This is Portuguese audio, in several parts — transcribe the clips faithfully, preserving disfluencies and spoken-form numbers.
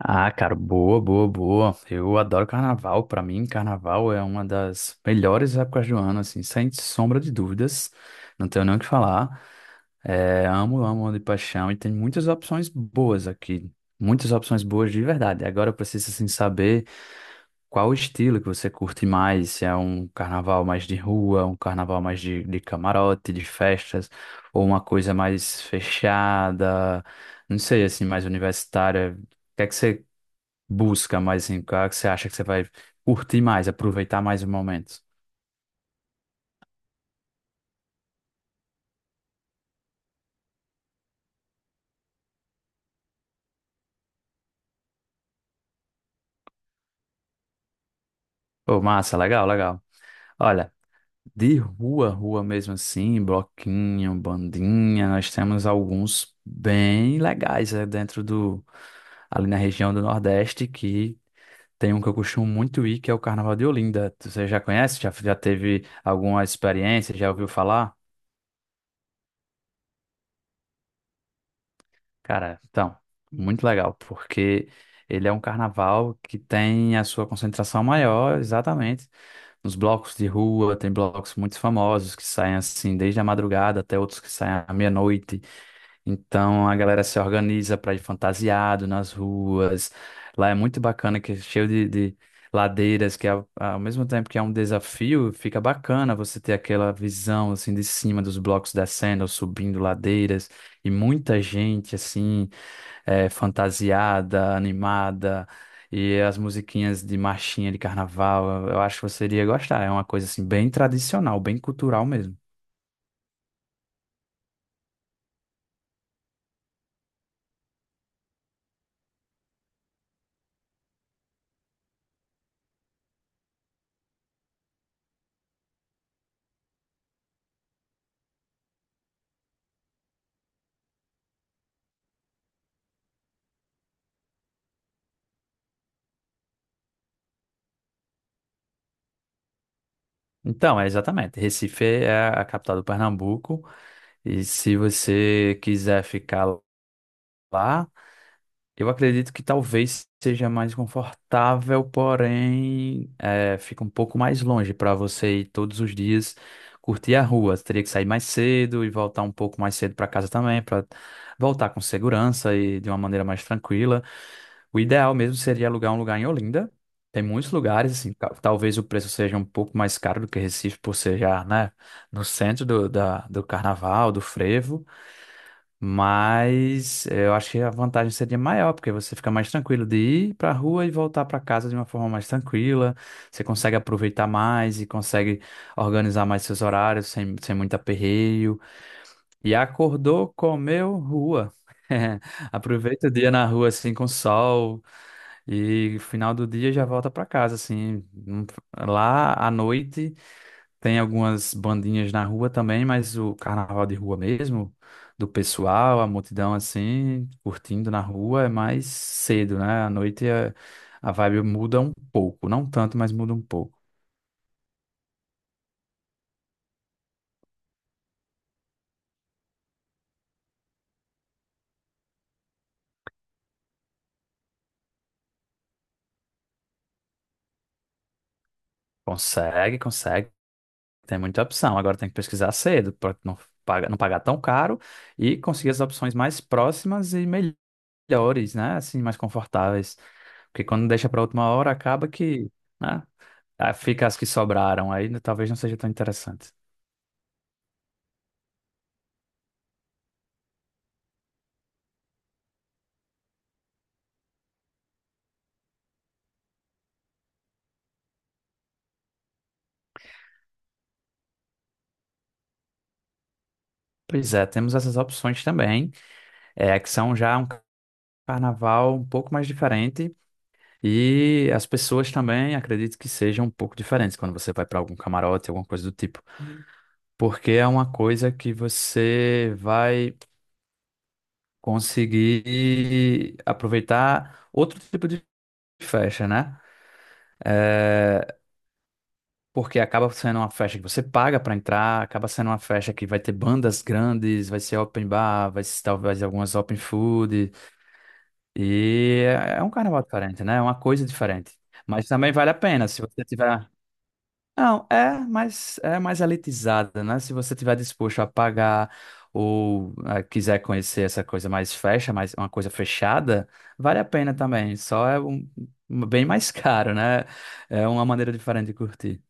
Ah, cara, boa, boa, boa. Eu adoro carnaval. Pra mim, carnaval é uma das melhores épocas do ano, assim, sem sombra de dúvidas. Não tenho nem o que falar. É, amo, amo de paixão e tem muitas opções boas aqui. Muitas opções boas de verdade. Agora eu preciso, assim, saber qual o estilo que você curte mais. Se é um carnaval mais de rua, um carnaval mais de, de camarote, de festas, ou uma coisa mais fechada, não sei, assim, mais universitária. O que é que você busca mais em qual que você acha que você vai curtir mais, aproveitar mais o momento. Ô, massa, legal, legal. Olha, de rua, rua mesmo assim, bloquinho, bandinha, nós temos alguns bem legais, né, dentro do, ali na região do Nordeste, que tem um que eu costumo muito ir, que é o Carnaval de Olinda. Você já conhece? Já, já teve alguma experiência? Já ouviu falar? Cara, então, muito legal, porque ele é um carnaval que tem a sua concentração maior, exatamente nos blocos de rua, tem blocos muito famosos que saem assim desde a madrugada até outros que saem à meia-noite. Então a galera se organiza para ir fantasiado nas ruas. Lá é muito bacana, que é cheio de, de ladeiras, que ao, ao mesmo tempo que é um desafio, fica bacana você ter aquela visão assim de cima dos blocos descendo ou subindo ladeiras e muita gente assim é, fantasiada, animada, e as musiquinhas de marchinha de carnaval. Eu eu acho que você iria gostar. É uma coisa assim bem tradicional, bem cultural mesmo. Então, é exatamente. Recife é a capital do Pernambuco, e se você quiser ficar lá, eu acredito que talvez seja mais confortável, porém eh, fica um pouco mais longe para você ir todos os dias curtir a rua. Você teria que sair mais cedo e voltar um pouco mais cedo para casa também, para voltar com segurança e de uma maneira mais tranquila. O ideal mesmo seria alugar um lugar em Olinda. Tem muitos lugares, assim, ta- talvez o preço seja um pouco mais caro do que Recife, por ser já, né, no centro do, da- do carnaval, do frevo. Mas eu acho que a vantagem seria maior, porque você fica mais tranquilo de ir para a rua e voltar para casa de uma forma mais tranquila. Você consegue aproveitar mais e consegue organizar mais seus horários sem, sem muito aperreio. E acordou, comeu, rua. Aproveita o dia na rua assim com sol e final do dia já volta para casa assim. Não. Lá à noite. Tem algumas bandinhas na rua também, mas o carnaval de rua mesmo, do pessoal, a multidão assim, curtindo na rua, é mais cedo, né? À noite é a vibe muda um pouco, não tanto, mas muda um pouco. Consegue, consegue, tem muita opção. Agora tem que pesquisar cedo, para não pagar, não pagar tão caro e conseguir as opções mais próximas e melhores, né? Assim, mais confortáveis. Porque quando deixa para última hora, acaba que, né? Ah, fica as que sobraram, aí talvez não seja tão interessante. Pois é, temos essas opções também, é, que são já um carnaval um pouco mais diferente e as pessoas também acredito que sejam um pouco diferentes quando você vai para algum camarote, alguma coisa do tipo, porque é uma coisa que você vai conseguir aproveitar outro tipo de festa, né? É, porque acaba sendo uma festa que você paga para entrar, acaba sendo uma festa que vai ter bandas grandes, vai ser open bar, vai ser talvez algumas open food. E é é um carnaval diferente, né? É uma coisa diferente. Mas também vale a pena se você tiver. Não, é mais, é mais elitizada, né? Se você tiver disposto a pagar ou eh, quiser conhecer essa coisa mais fecha, mais uma coisa fechada, vale a pena também. Só é um, um bem mais caro, né? É uma maneira diferente de curtir.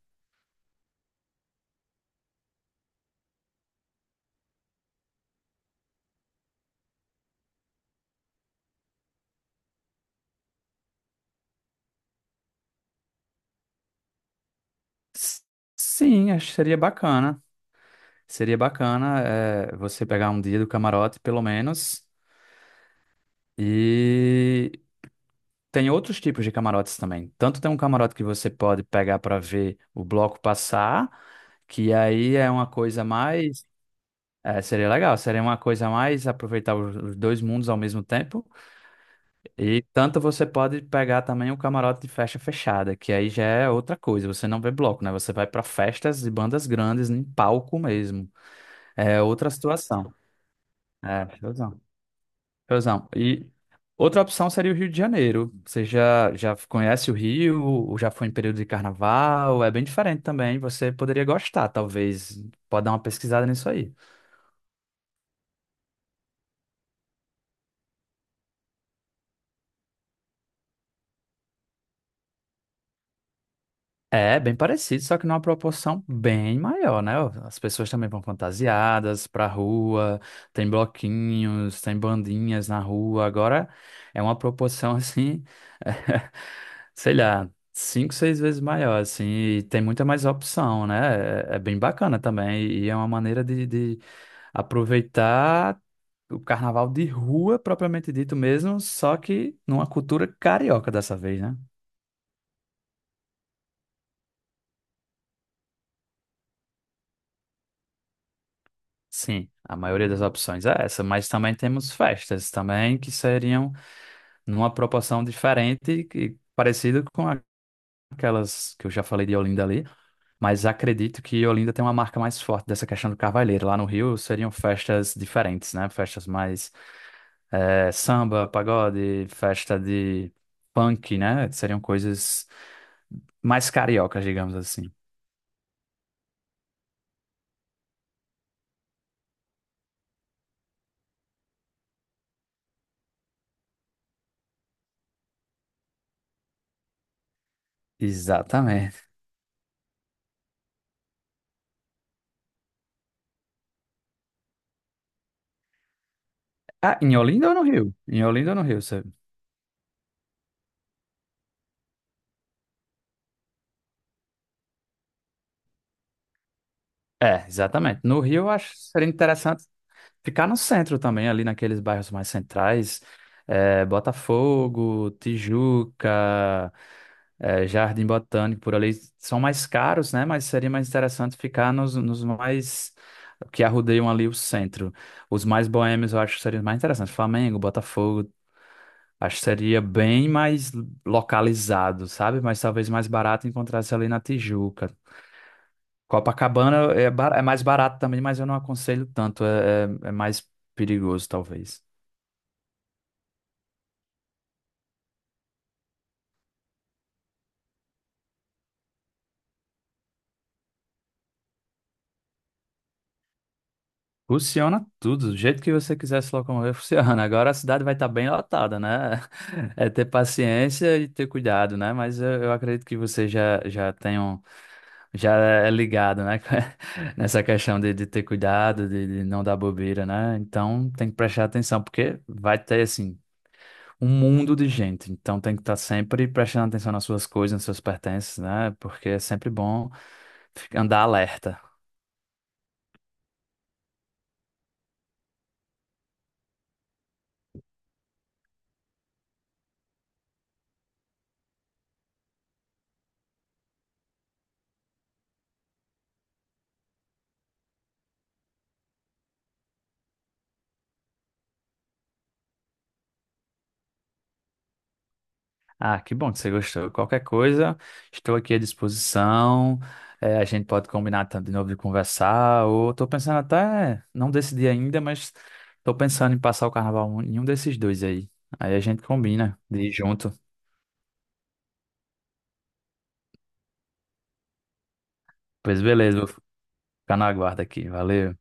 S- Sim, acho que seria bacana. Seria bacana, eh, você pegar um dia do camarote, pelo menos. E tem outros tipos de camarotes também. Tanto tem um camarote que você pode pegar para ver o bloco passar, que aí é uma coisa mais. É, seria legal, seria uma coisa mais aproveitar os os dois mundos ao mesmo tempo. E tanto você pode pegar também o camarote de festa fechada, que aí já é outra coisa. Você não vê bloco, né? Você vai para festas e bandas grandes em palco mesmo. É outra situação. É, razão. E outra opção seria o Rio de Janeiro. Você já, já conhece o Rio, ou já foi em período de carnaval, é bem diferente também. Você poderia gostar, talvez. Pode dar uma pesquisada nisso aí. É, bem parecido, só que numa proporção bem maior, né? As pessoas também vão fantasiadas pra rua, tem bloquinhos, tem bandinhas na rua. Agora é uma proporção assim, sei lá, cinco, seis vezes maior, assim, e tem muita mais opção, né? É, é bem bacana também, e é uma maneira de, de aproveitar o carnaval de rua, propriamente dito mesmo, só que numa cultura carioca dessa vez, né? Sim, a maioria das opções é essa, mas também temos festas também que seriam numa proporção diferente e parecida com a- aquelas que eu já falei de Olinda ali, mas acredito que Olinda tem uma marca mais forte dessa questão do carvalheiro. Lá no Rio seriam festas diferentes, né? Festas mais eh, samba, pagode, festa de punk, né? Seriam coisas mais cariocas, digamos assim. Exatamente. Ah, em Olinda ou no Rio? Em Olinda ou no Rio, você... É, exatamente. No Rio, eu acho que seria interessante ficar no centro também, ali naqueles bairros mais centrais, eh, Botafogo, Tijuca, eh, Jardim Botânico, por ali, são mais caros, né? Mas seria mais interessante ficar nos, nos mais que arrudeiam ali o centro. Os mais boêmios eu acho que seria mais interessante. Flamengo, Botafogo, acho que seria bem mais localizado, sabe? Mas talvez mais barato encontrar-se ali na Tijuca. Copacabana é, bar- é mais barato também, mas eu não aconselho tanto. É, é- é mais perigoso, talvez. Funciona tudo, do jeito que você quiser se locomover, funciona. Agora a cidade vai estar bem lotada, né? É ter paciência e ter cuidado, né? Mas eu, eu acredito que você já, já tem um, já é ligado, né? Nessa questão de, de ter cuidado, de, de não dar bobeira, né? Então tem que prestar atenção, porque vai ter, assim, um mundo de gente, então tem que estar sempre prestando atenção nas suas coisas, nos seus pertences, né? Porque é sempre bom fi- andar alerta. Ah, que bom que você gostou. Qualquer coisa, estou aqui à disposição. É, a gente pode combinar tam- de novo de conversar, ou estou pensando até, não decidi ainda, mas estou pensando em passar o carnaval em um desses dois aí. Aí a gente combina de ir junto. Pois beleza, vou ficar na guarda aqui. Valeu.